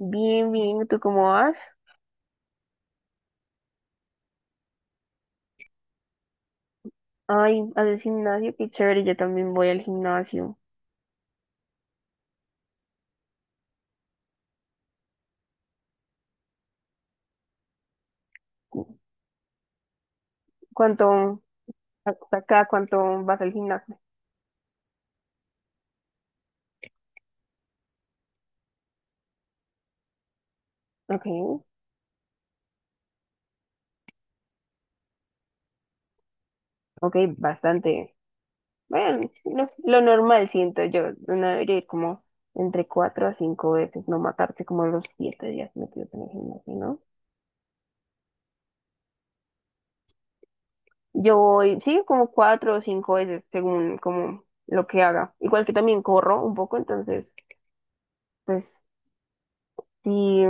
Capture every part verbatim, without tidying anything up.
Bien, bien, ¿tú cómo vas? Ay, ¿haces gimnasio? Qué chévere, yo también voy al gimnasio. ¿Cu- ¿Cuánto, hasta acá, ¿cuánto vas al gimnasio? Ok, ok, bastante. Bueno, lo, lo normal siento yo, uno debería ir como entre cuatro a cinco veces, no matarse como los siete días metidos en el gimnasio, ¿no? Yo voy, sí, como cuatro o cinco veces, según como lo que haga. Igual que también corro un poco, entonces, pues. Sí,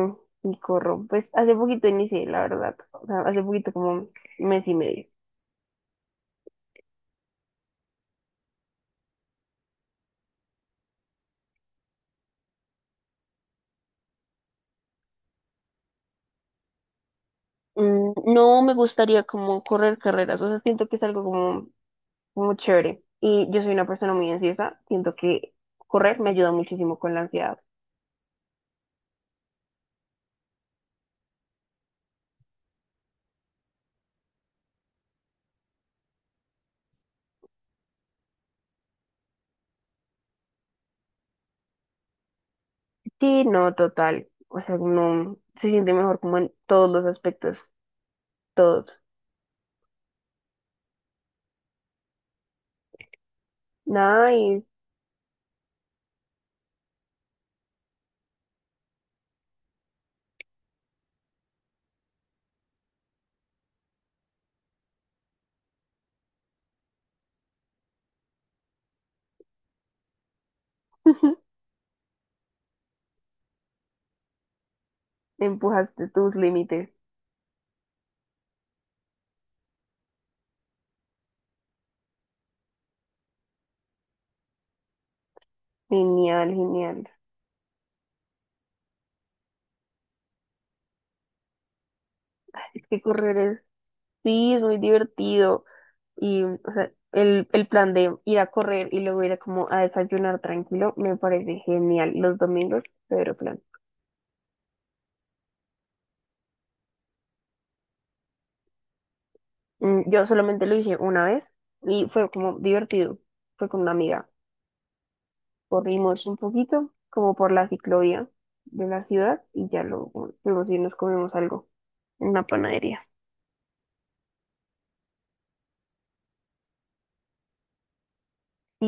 y corro. Pues hace poquito inicié, la verdad. O sea, hace poquito como mes y medio. Mm, no me gustaría como correr carreras. O sea, siento que es algo como, como chévere. Y yo soy una persona muy ansiosa. Siento que correr me ayuda muchísimo con la ansiedad. Sí, no, total. O sea, no se siente mejor como en todos los aspectos. Todos. Nice. Empujaste tus límites. Genial, genial. Es que correr es, sí, es muy divertido. Y o sea, el, el plan de ir a correr y luego ir a como a desayunar tranquilo me parece genial. Los domingos, pero plan. Mm, Yo solamente lo hice una vez y fue como divertido. Fue con una amiga. Corrimos un poquito, como por la ciclovía de la ciudad y ya luego fuimos y nos comimos algo en una panadería. Sí,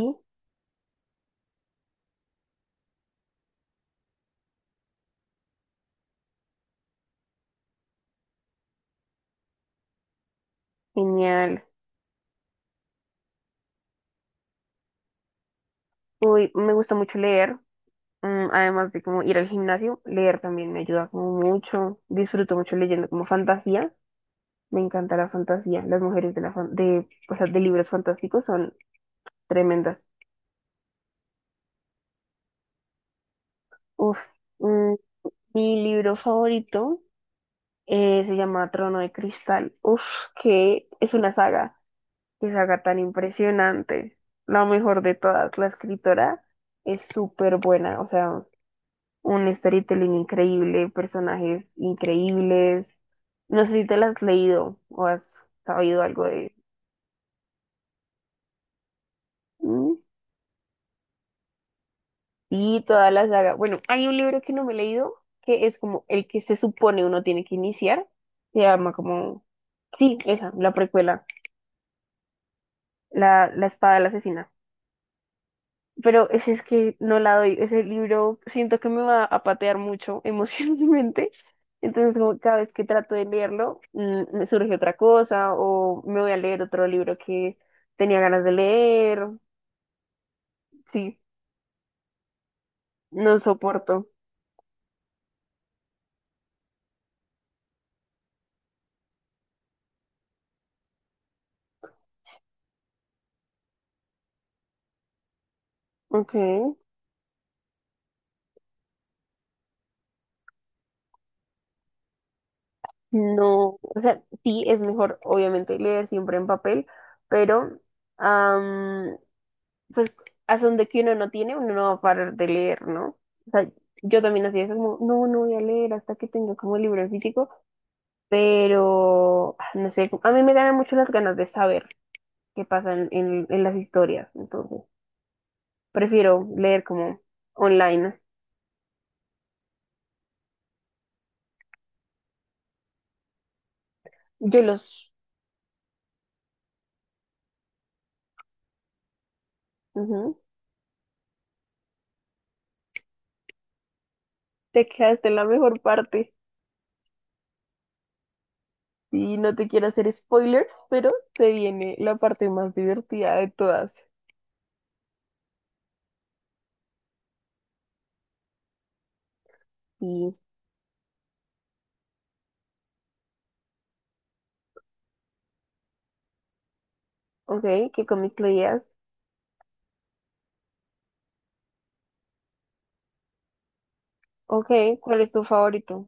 genial. Uy, me gusta mucho leer. mm, Además de como ir al gimnasio, leer también me ayuda como mucho. Disfruto mucho leyendo como fantasía. Me encanta la fantasía. Las mujeres de, la fan- de, o sea, de libros fantásticos son tremendas. Uf. mm, Mi libro favorito eh, se llama Trono de Cristal. Uf, que es una saga. Qué saga tan impresionante. La mejor de todas. La escritora es súper buena. O sea, un storytelling increíble, personajes increíbles. No sé si te la has leído o has sabido algo de... mm, Sí, toda la saga. Bueno, hay un libro que no me he leído, que es como el que se supone uno tiene que iniciar. Se llama como, sí, esa, la precuela, la, la espada del asesina. Pero ese es que no la doy. Ese libro siento que me va a patear mucho emocionalmente. Entonces, como cada vez que trato de leerlo, mm, me surge otra cosa o me voy a leer otro libro que tenía ganas de leer. Sí, no soporto. Ok. No, o sea, sí es mejor, obviamente, leer siempre en papel, pero am, pues hasta donde que uno no tiene, uno no va a parar de leer, ¿no? O sea, yo también hacía eso como, no, no voy a leer hasta que tenga como el libro en físico, pero ah, no sé, a mí me ganan mucho las ganas de saber qué pasa en, en- en las historias, entonces prefiero leer como online. Yo los, ujú, te quedaste en la mejor parte. Y no te quiero hacer spoilers, pero se viene la parte más divertida de todas. Y, ok, ¿qué cómic leías? Ok, ¿cuál es tu favorito?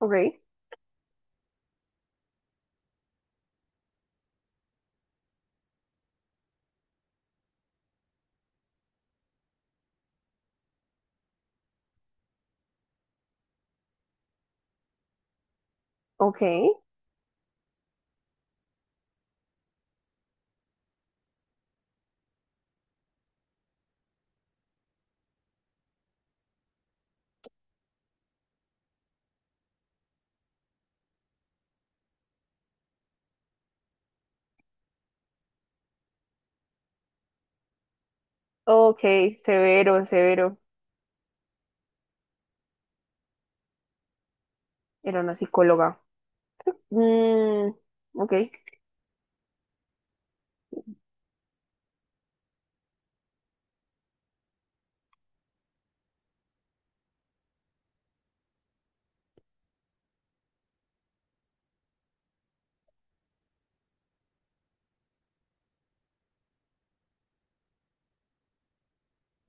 Ok, ok, ok, severo, severo. Era una psicóloga. Mm, ok,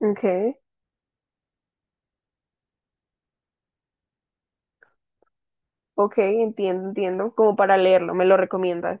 ok, ok, entiendo, entiendo. Como para leerlo, me lo recomiendas.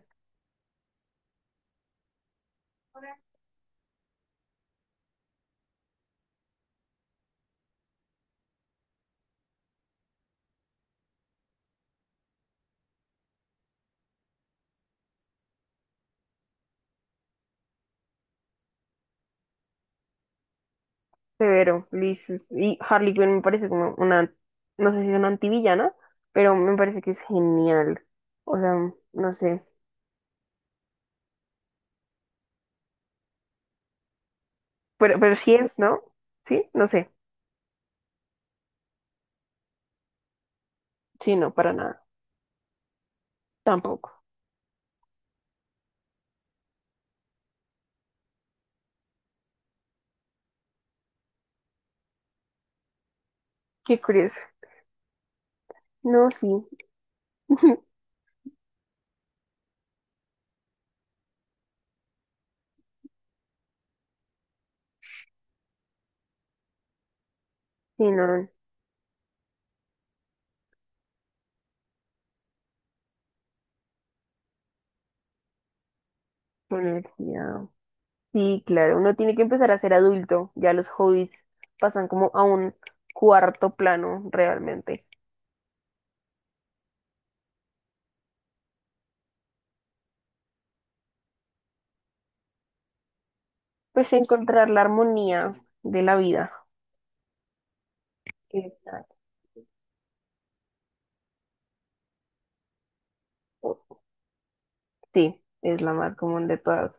Severo, Liz. Y Harley Quinn me parece como una, no sé si es una antivillana, pero me parece que es genial. O sea, no sé. Pero, pero sí es, ¿no? Sí, no sé. Sí, no, para nada. Tampoco. Qué curioso. No, sí. Sí, no. La universidad. Sí, claro. Uno tiene que empezar a ser adulto. Ya los hobbies pasan como a un cuarto plano realmente. Pues encontrar la armonía de la vida. Exacto. Sí, es la más común de todas.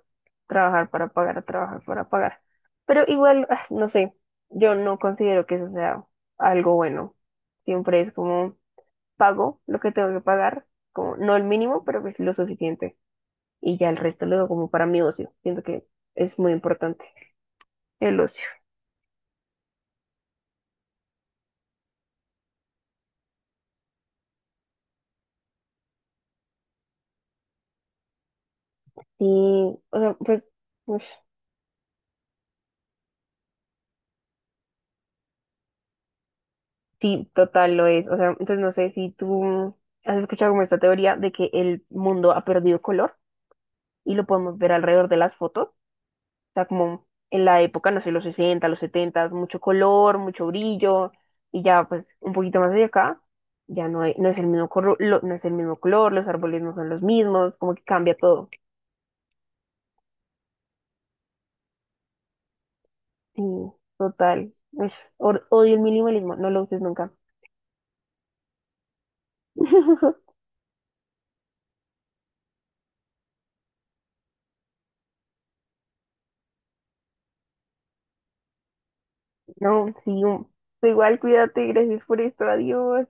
Trabajar para pagar, trabajar para pagar. Pero igual, ah, no sé, yo no considero que eso sea algo bueno. Siempre es como pago lo que tengo que pagar, como no el mínimo, pero pues lo suficiente. Y ya el resto lo doy como para mi ocio. Siento que es muy importante el ocio. Sí, o sea, pues, ush, sí, total lo es. O sea, entonces no sé si tú has escuchado como esta teoría de que el mundo ha perdido color y lo podemos ver alrededor de las fotos, o sea, como en la época, no sé, los sesenta, los setenta, mucho color, mucho brillo, y ya pues un poquito más de acá, ya no, hay- no es el mismo color, no es el mismo color, los árboles no son los mismos, como que cambia todo. Sí, total. Ush, or- odio el minimalismo, no lo uses nunca. No, sí, un- tú igual cuídate, gracias por esto, adiós.